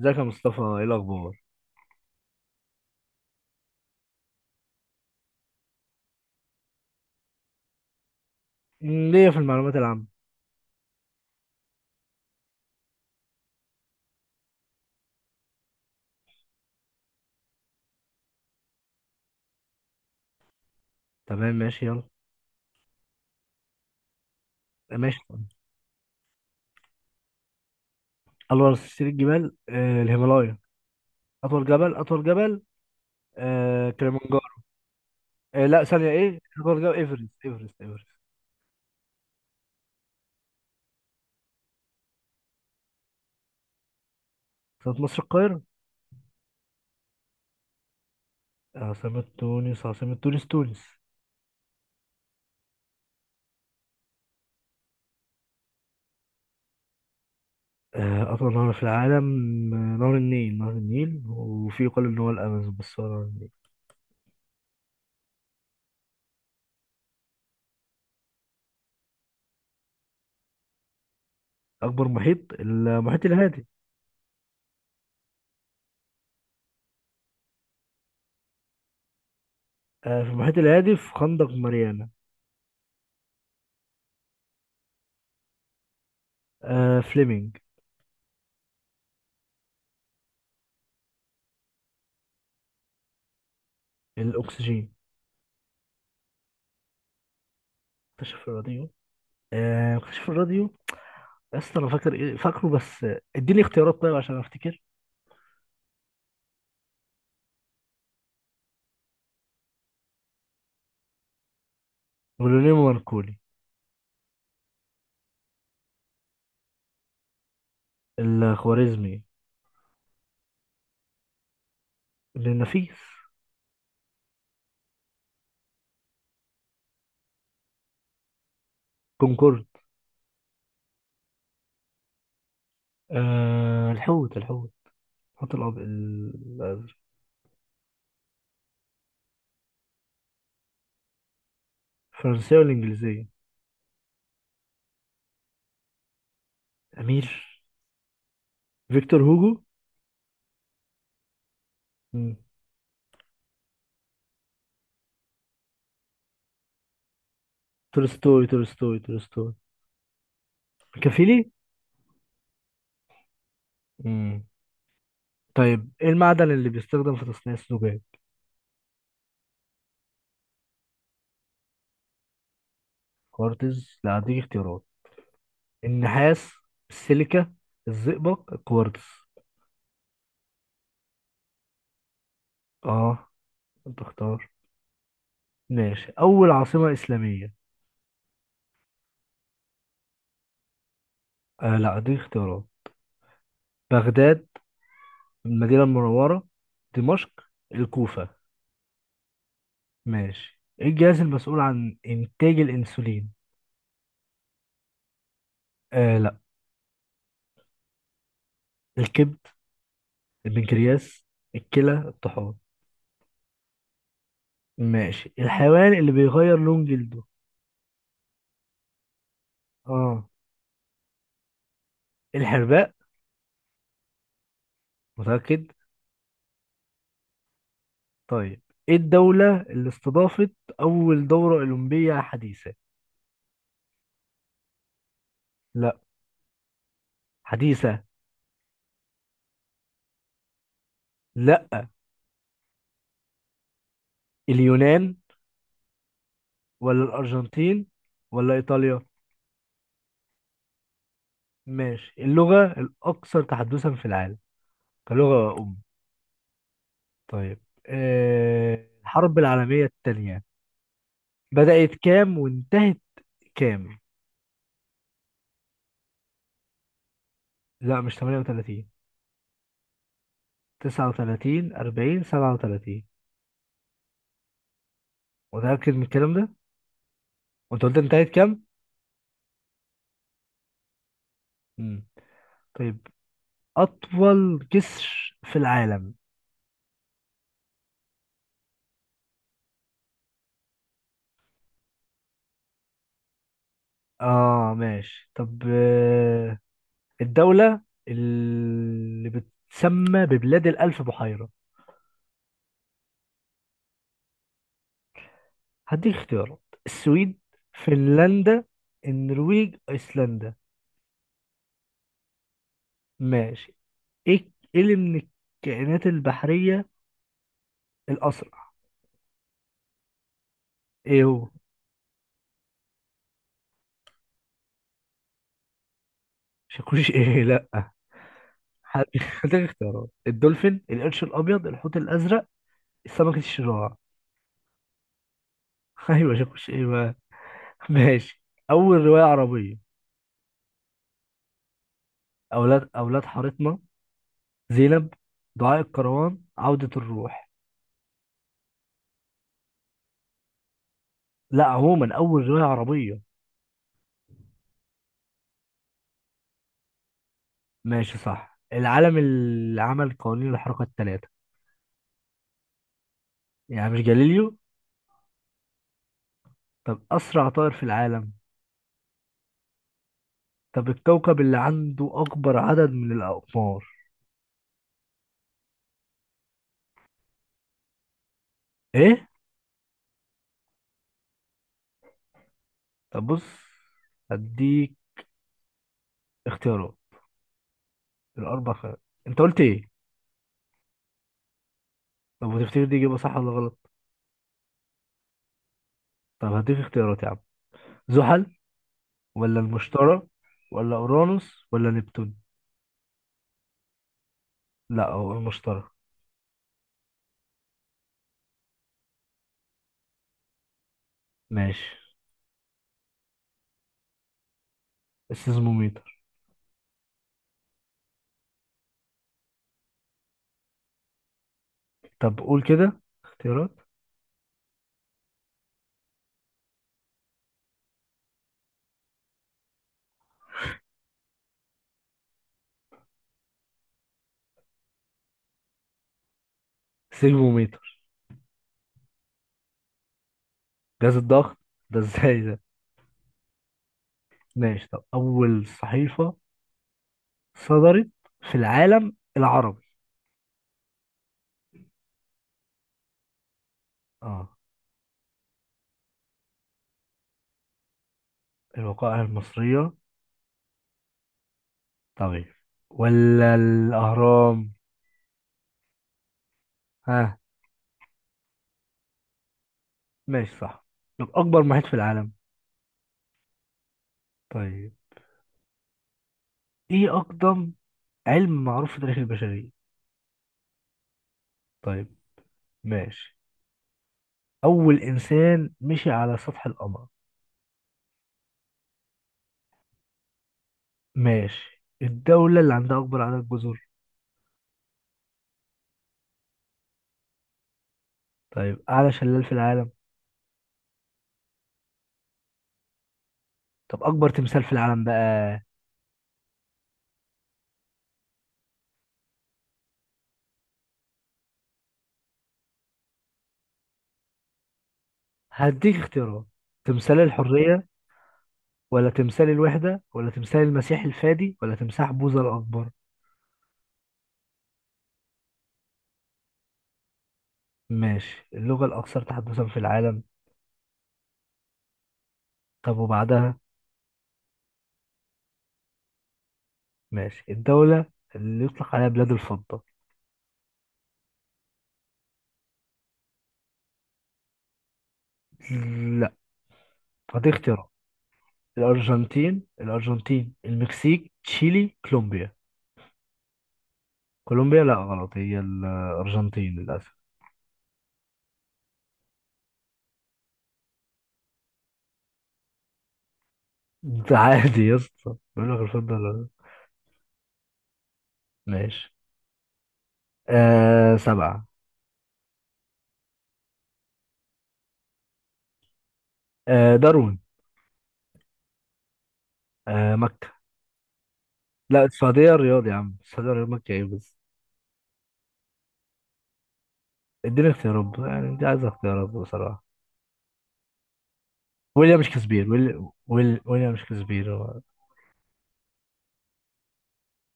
ازيك يا مصطفى؟ ايه الاخبار؟ ليا في المعلومات العامه. تمام، ماشي، يلا. ماشي. الله، سلسله الجبال الهيمالايا. اطول جبل، اطول جبل. كليمنجارو. لا، ثانيه، ايه اطول جبل؟ ايفرست، ايفرست، ايفرست. عاصمه مصر القاهره. عاصمه تونس، عاصمه تونس، تونس. اطول نهر في العالم، نهر النيل، نهر النيل، وفي يقال ان هو الامازون، بس هو نهر النيل. اكبر محيط المحيط الهادي. آه، في المحيط الهادي، في خندق ماريانا. آه، فليمنج. الاكسجين. اكتشف الراديوم. كشف الراديو. يا اسطى انا فاكر، ايه فاكره، بس اديني اختيارات طيب عشان افتكر. ولونين ماركوني. الخوارزمي. ابن النفيس. كونكورد. آه الحوت. الحوت الازرق. الفرنسية والانجليزية. امير. فيكتور هوجو. مم. تولستوي تولستوي. كافيلي. مم. طيب، ايه المعدن اللي بيستخدم في تصنيع الزجاج؟ كوارتز، لا هديك اختيارات. النحاس، السيليكا، الزئبق، الكوارتز. اه، انت اختار. ماشي، أول عاصمة إسلامية. آه لا، دي اختيارات. بغداد، المدينة المنورة، دمشق، الكوفة. ماشي، إيه الجهاز المسؤول عن إنتاج الأنسولين؟ آه لا. الكبد، البنكرياس، الكلى، الطحال. ماشي، الحيوان اللي بيغير لون جلده. آه، الحرباء. متأكد. طيب، إيه الدولة اللي استضافت أول دورة أولمبية حديثة؟ لا. حديثة. لا. اليونان، ولا الأرجنتين، ولا إيطاليا. ماشي، اللغة الأكثر تحدثا في العالم كلغة أم. طيب، الحرب العالمية الثانية بدأت كام وانتهت كام؟ لا، مش 38. 39، 40، 37. متأكد من الكلام ده؟ وأنت قلت انتهت كام؟ مم. طيب، أطول جسر في العالم. آه ماشي. طب الدولة اللي بتسمى ببلاد الألف بحيرة. هديك اختيارات، السويد، فنلندا، النرويج، ايسلندا. ماشي. إيه اللي من الكائنات البحرية الأسرع؟ ايه هو؟ مش هيكونش ايه، لا. هديك، هديك اختيارات. الدولفين، القرش الأبيض، الحوت الأزرق، سمكة الشراع. ايوه، مش هيكونش ايه بقى. ماشي، أول رواية عربية. أولاد حارتنا، زينب، دعاء الكروان، عودة الروح. لا، عموما أول رواية عربية. ماشي صح. العالم اللي عمل قوانين الحركة الثلاثة. يعني مش جاليليو. طب، أسرع طائر في العالم. طب، الكوكب اللي عنده أكبر عدد من الأقمار. إيه؟ طب بص، هديك اختيارات، الأربع خيارات. أنت قلت إيه؟ طب، وتفتكر دي إجابة صح ولا غلط؟ طب، هديك اختيارات يا عم. زحل، ولا المشتري، ولا أورانوس ولا نبتون؟ لا، هو المشتري. ماشي. السيزموميتر. طب قول كده اختيارات. سيزموميتر. جهاز الضغط، ده ازاي ده؟ ماشي. طب، أول صحيفة صدرت في العالم العربي. اه، الوقائع المصرية. طبيعي، ولا الأهرام؟ ها؟ ماشي صح. طب، أكبر محيط في العالم. طيب، إيه أقدم علم معروف في تاريخ البشرية. طيب، ماشي. أول إنسان مشي على سطح القمر. ماشي، الدولة اللي عندها أكبر عدد جزر. طيب، أعلى شلال في العالم. طب، أكبر تمثال في العالم بقى. هديك اختيارات، تمثال الحرية، ولا تمثال الوحدة، ولا تمثال المسيح الفادي، ولا تمساح بوذا الأكبر. ماشي، اللغة الأكثر تحدثا في العالم. طب وبعدها. ماشي، الدولة اللي يطلق عليها بلاد الفضة. لا، فدي اختيارات. الأرجنتين، المكسيك، تشيلي، كولومبيا. كولومبيا، لا غلط، هي الأرجنتين للأسف. ده عادي يا اسطى، بيقول لك الفضة لا. ماشي. آه سبعة. آه داروين. آه مكة. لا، السعودية الرياض يا عم، السعودية الرياض، مكة ايه بس. اديني اختيارات بقى، يعني انت عايز اختيارات بصراحة. ويليام شكسبير، ويليام شكسبير هو.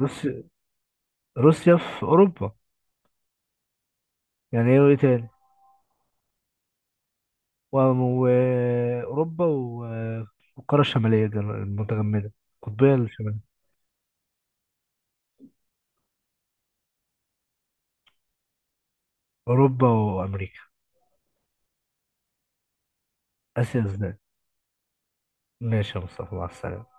روسيا، روسيا في أوروبا. يعني ايه وايه تاني؟ وأوروبا و... وأوروبا و- والقارة الشمالية دي المتجمدة، القطبية الشمالية. أوروبا وأمريكا. آسيا إزاي؟ ماشي يا مصطفى، مع السلامة.